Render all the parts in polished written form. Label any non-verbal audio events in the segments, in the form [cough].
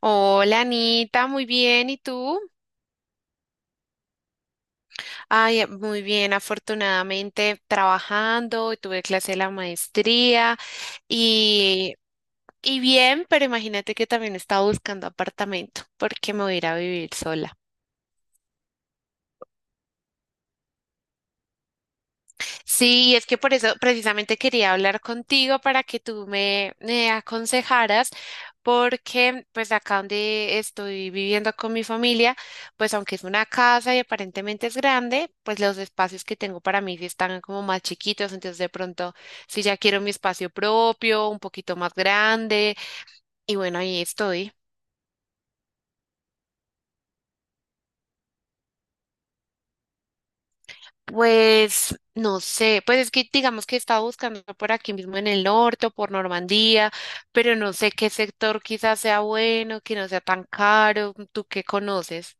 Hola Anita, muy bien, ¿y tú? Ay, muy bien, afortunadamente trabajando, tuve clase de la maestría y, y bien, pero imagínate que también estaba buscando apartamento porque me voy a ir a vivir sola. Sí, es que por eso precisamente quería hablar contigo para que tú me aconsejaras, porque pues acá donde estoy viviendo con mi familia, pues aunque es una casa y aparentemente es grande, pues los espacios que tengo para mí sí están como más chiquitos, entonces de pronto si ya quiero mi espacio propio, un poquito más grande, y bueno, ahí estoy. Pues no sé, pues es que digamos que estaba buscando por aquí mismo en el norte o por Normandía, pero no sé qué sector quizás sea bueno, que no sea tan caro, ¿tú qué conoces?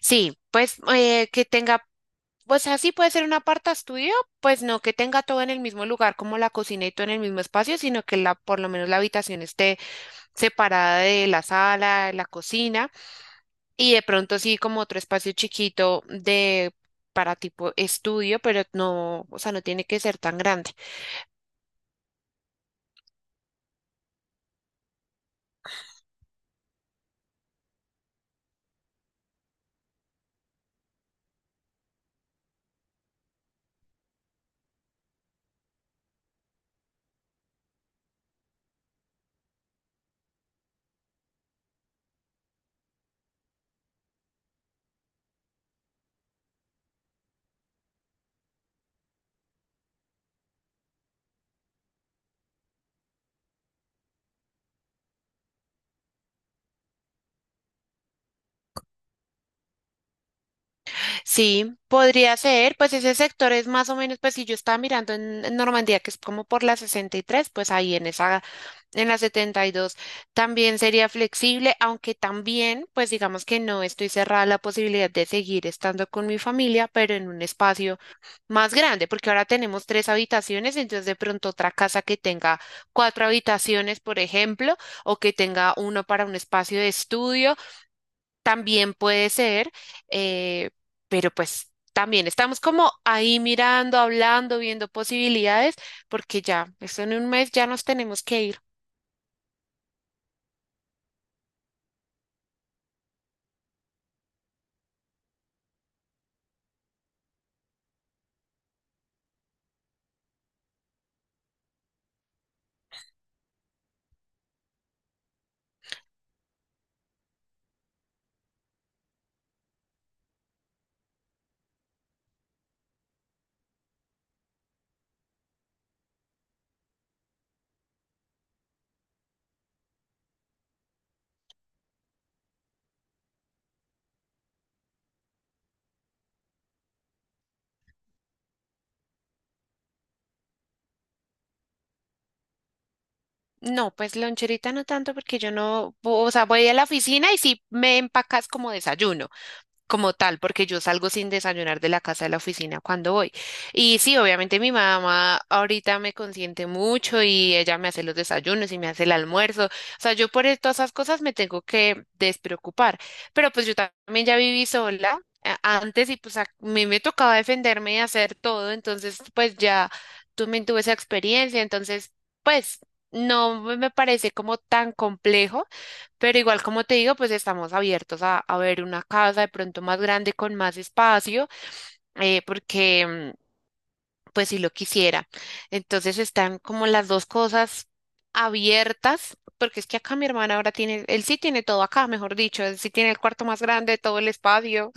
Sí, pues que tenga, o sea, sí puede ser un aparta estudio, pues no que tenga todo en el mismo lugar como la cocina y todo en el mismo espacio, sino que la, por lo menos la habitación esté separada de la sala, de la cocina. Y de pronto sí, como otro espacio chiquito de para tipo estudio, pero no, o sea, no tiene que ser tan grande. Sí, podría ser, pues ese sector es más o menos, pues si yo estaba mirando en Normandía, que es como por la 63 pues ahí en esa. En la 72 también sería flexible, aunque también, pues digamos que no estoy cerrada a la posibilidad de seguir estando con mi familia, pero en un espacio más grande, porque ahora tenemos tres habitaciones, entonces de pronto otra casa que tenga cuatro habitaciones, por ejemplo, o que tenga uno para un espacio de estudio, también puede ser, eh, pero pues también estamos como ahí mirando, hablando, viendo posibilidades, porque ya, eso en un mes ya nos tenemos que ir. No, pues loncherita no tanto porque yo no, o sea, voy a la oficina y sí me empacas como desayuno como tal, porque yo salgo sin desayunar de la casa de la oficina cuando voy. Y sí, obviamente mi mamá ahorita me consiente mucho y ella me hace los desayunos y me hace el almuerzo. O sea, yo por todas esas cosas me tengo que despreocupar. Pero pues yo también ya viví sola antes y pues a mí me tocaba defenderme y hacer todo, entonces pues ya también tuve esa experiencia, entonces pues no me parece como tan complejo. Pero igual, como te digo, pues estamos abiertos a ver una casa de pronto más grande con más espacio, porque pues si lo quisiera. Entonces están como las dos cosas abiertas, porque es que acá mi hermana ahora tiene, él sí tiene todo acá, mejor dicho, él sí tiene el cuarto más grande, todo el espacio.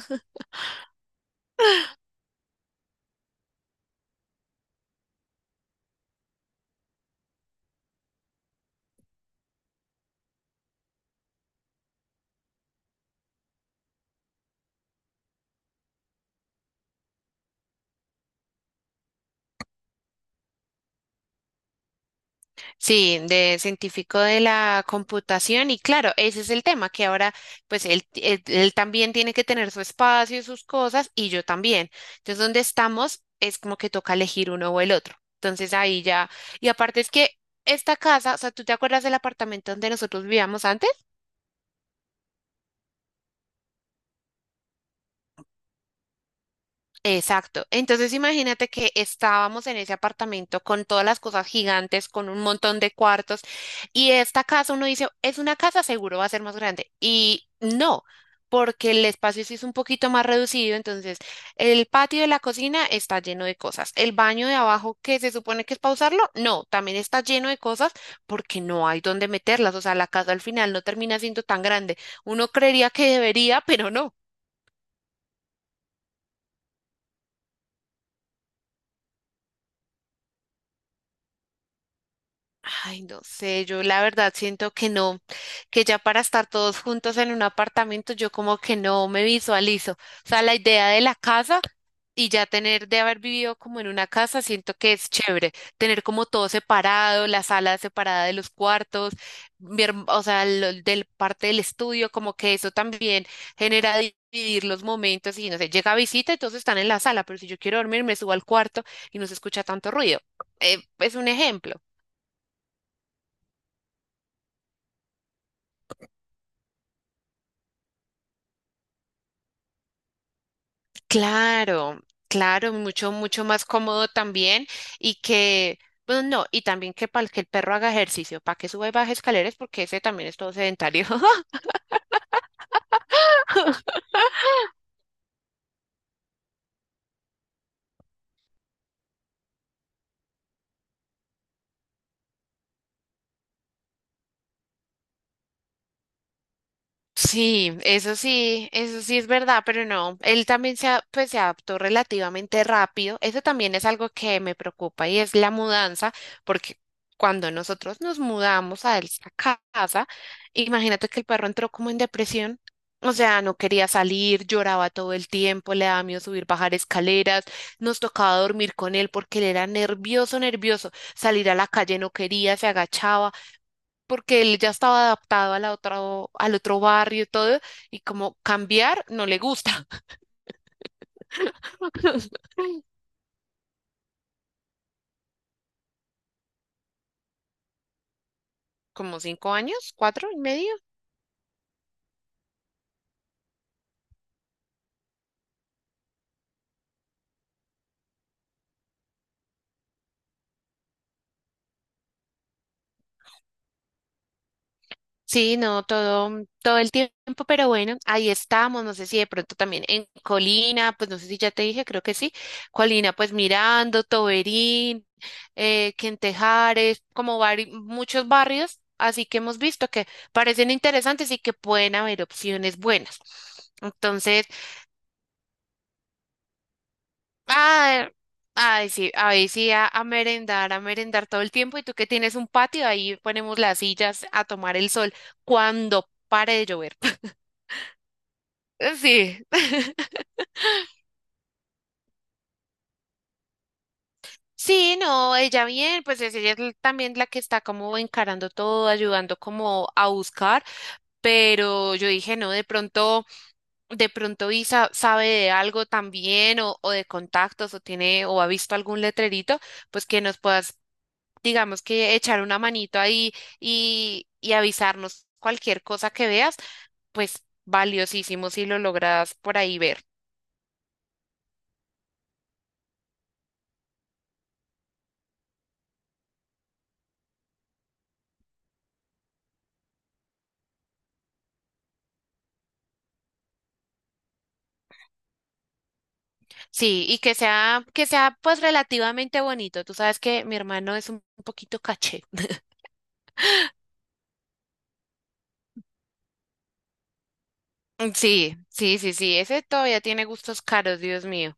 Sí, de científico de la computación y claro, ese es el tema, que ahora pues él también tiene que tener su espacio y sus cosas y yo también. Entonces, donde estamos es como que toca elegir uno o el otro. Entonces ahí ya, y aparte es que esta casa, o sea, ¿tú te acuerdas del apartamento donde nosotros vivíamos antes? Exacto. Entonces imagínate que estábamos en ese apartamento con todas las cosas gigantes, con un montón de cuartos, y esta casa uno dice, es una casa, seguro va a ser más grande. Y no, porque el espacio sí es un poquito más reducido, entonces el patio de la cocina está lleno de cosas. El baño de abajo, que se supone que es para usarlo, no, también está lleno de cosas porque no hay dónde meterlas. O sea, la casa al final no termina siendo tan grande. Uno creería que debería, pero no. Ay, no sé, yo la verdad siento que no, que ya para estar todos juntos en un apartamento, yo como que no me visualizo. O sea, la idea de la casa y ya tener de haber vivido como en una casa, siento que es chévere. Tener como todo separado, la sala separada de los cuartos, o sea, del parte del estudio, como que eso también genera dividir los momentos y no sé, llega visita y todos están en la sala, pero si yo quiero dormir, me subo al cuarto y no se escucha tanto ruido. Es un ejemplo. Claro, claro, mucho, mucho más cómodo también y que, bueno, no, y también que para que el perro haga ejercicio, para que suba y baje escaleras, porque ese también es todo sedentario. Sí, eso sí, eso sí es verdad, pero no, él también se, pues, se adaptó relativamente rápido. Eso también es algo que me preocupa y es la mudanza, porque cuando nosotros nos mudamos a esa casa, imagínate que el perro entró como en depresión, o sea, no quería salir, lloraba todo el tiempo, le daba miedo subir, bajar escaleras, nos tocaba dormir con él porque él era nervioso, nervioso, salir a la calle no quería, se agachaba porque él ya estaba adaptado a la otra, al otro barrio y todo, y como cambiar no le gusta. [laughs] Como 5 años, cuatro y medio. Sí, no, todo, todo el tiempo, pero bueno, ahí estamos, no sé si de pronto también en Colina, pues no sé si ya te dije, creo que sí, Colina, pues Mirando, Toberín, Quentejares, como muchos barrios, así que hemos visto que parecen interesantes y que pueden haber opciones buenas. Entonces, ah, ay, sí, ahí sí, a merendar, a merendar todo el tiempo. Y tú que tienes un patio, ahí ponemos las sillas a tomar el sol cuando pare de llover. [laughs] Sí. Sí, no, ella bien, pues es ella es también la que está como encarando todo, ayudando como a buscar, pero yo dije, no, de pronto, Isa sabe de algo también o de contactos o tiene o ha visto algún letrerito, pues que nos pueda digamos que echar una manito ahí y avisarnos cualquier cosa que veas, pues valiosísimo si lo logras por ahí ver. Sí, y que sea, pues relativamente bonito. Tú sabes que mi hermano es un poquito caché. [laughs] Mm, sí, sí, sí, sí, ese todavía tiene gustos caros, Dios mío.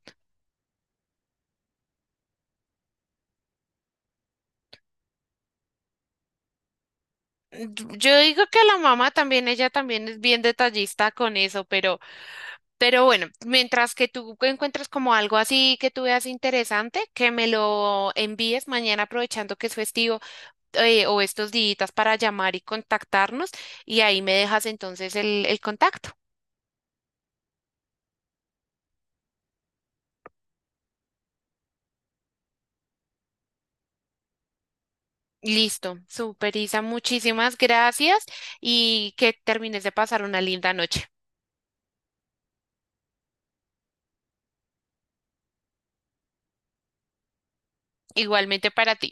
Yo digo que la mamá también, ella también es bien detallista con eso, pero bueno, mientras que tú encuentras como algo así que tú veas interesante, que me lo envíes mañana aprovechando que es festivo, o estos días para llamar y contactarnos y ahí me dejas entonces el contacto. Listo, super Isa, muchísimas gracias y que termines de pasar una linda noche. Igualmente para ti.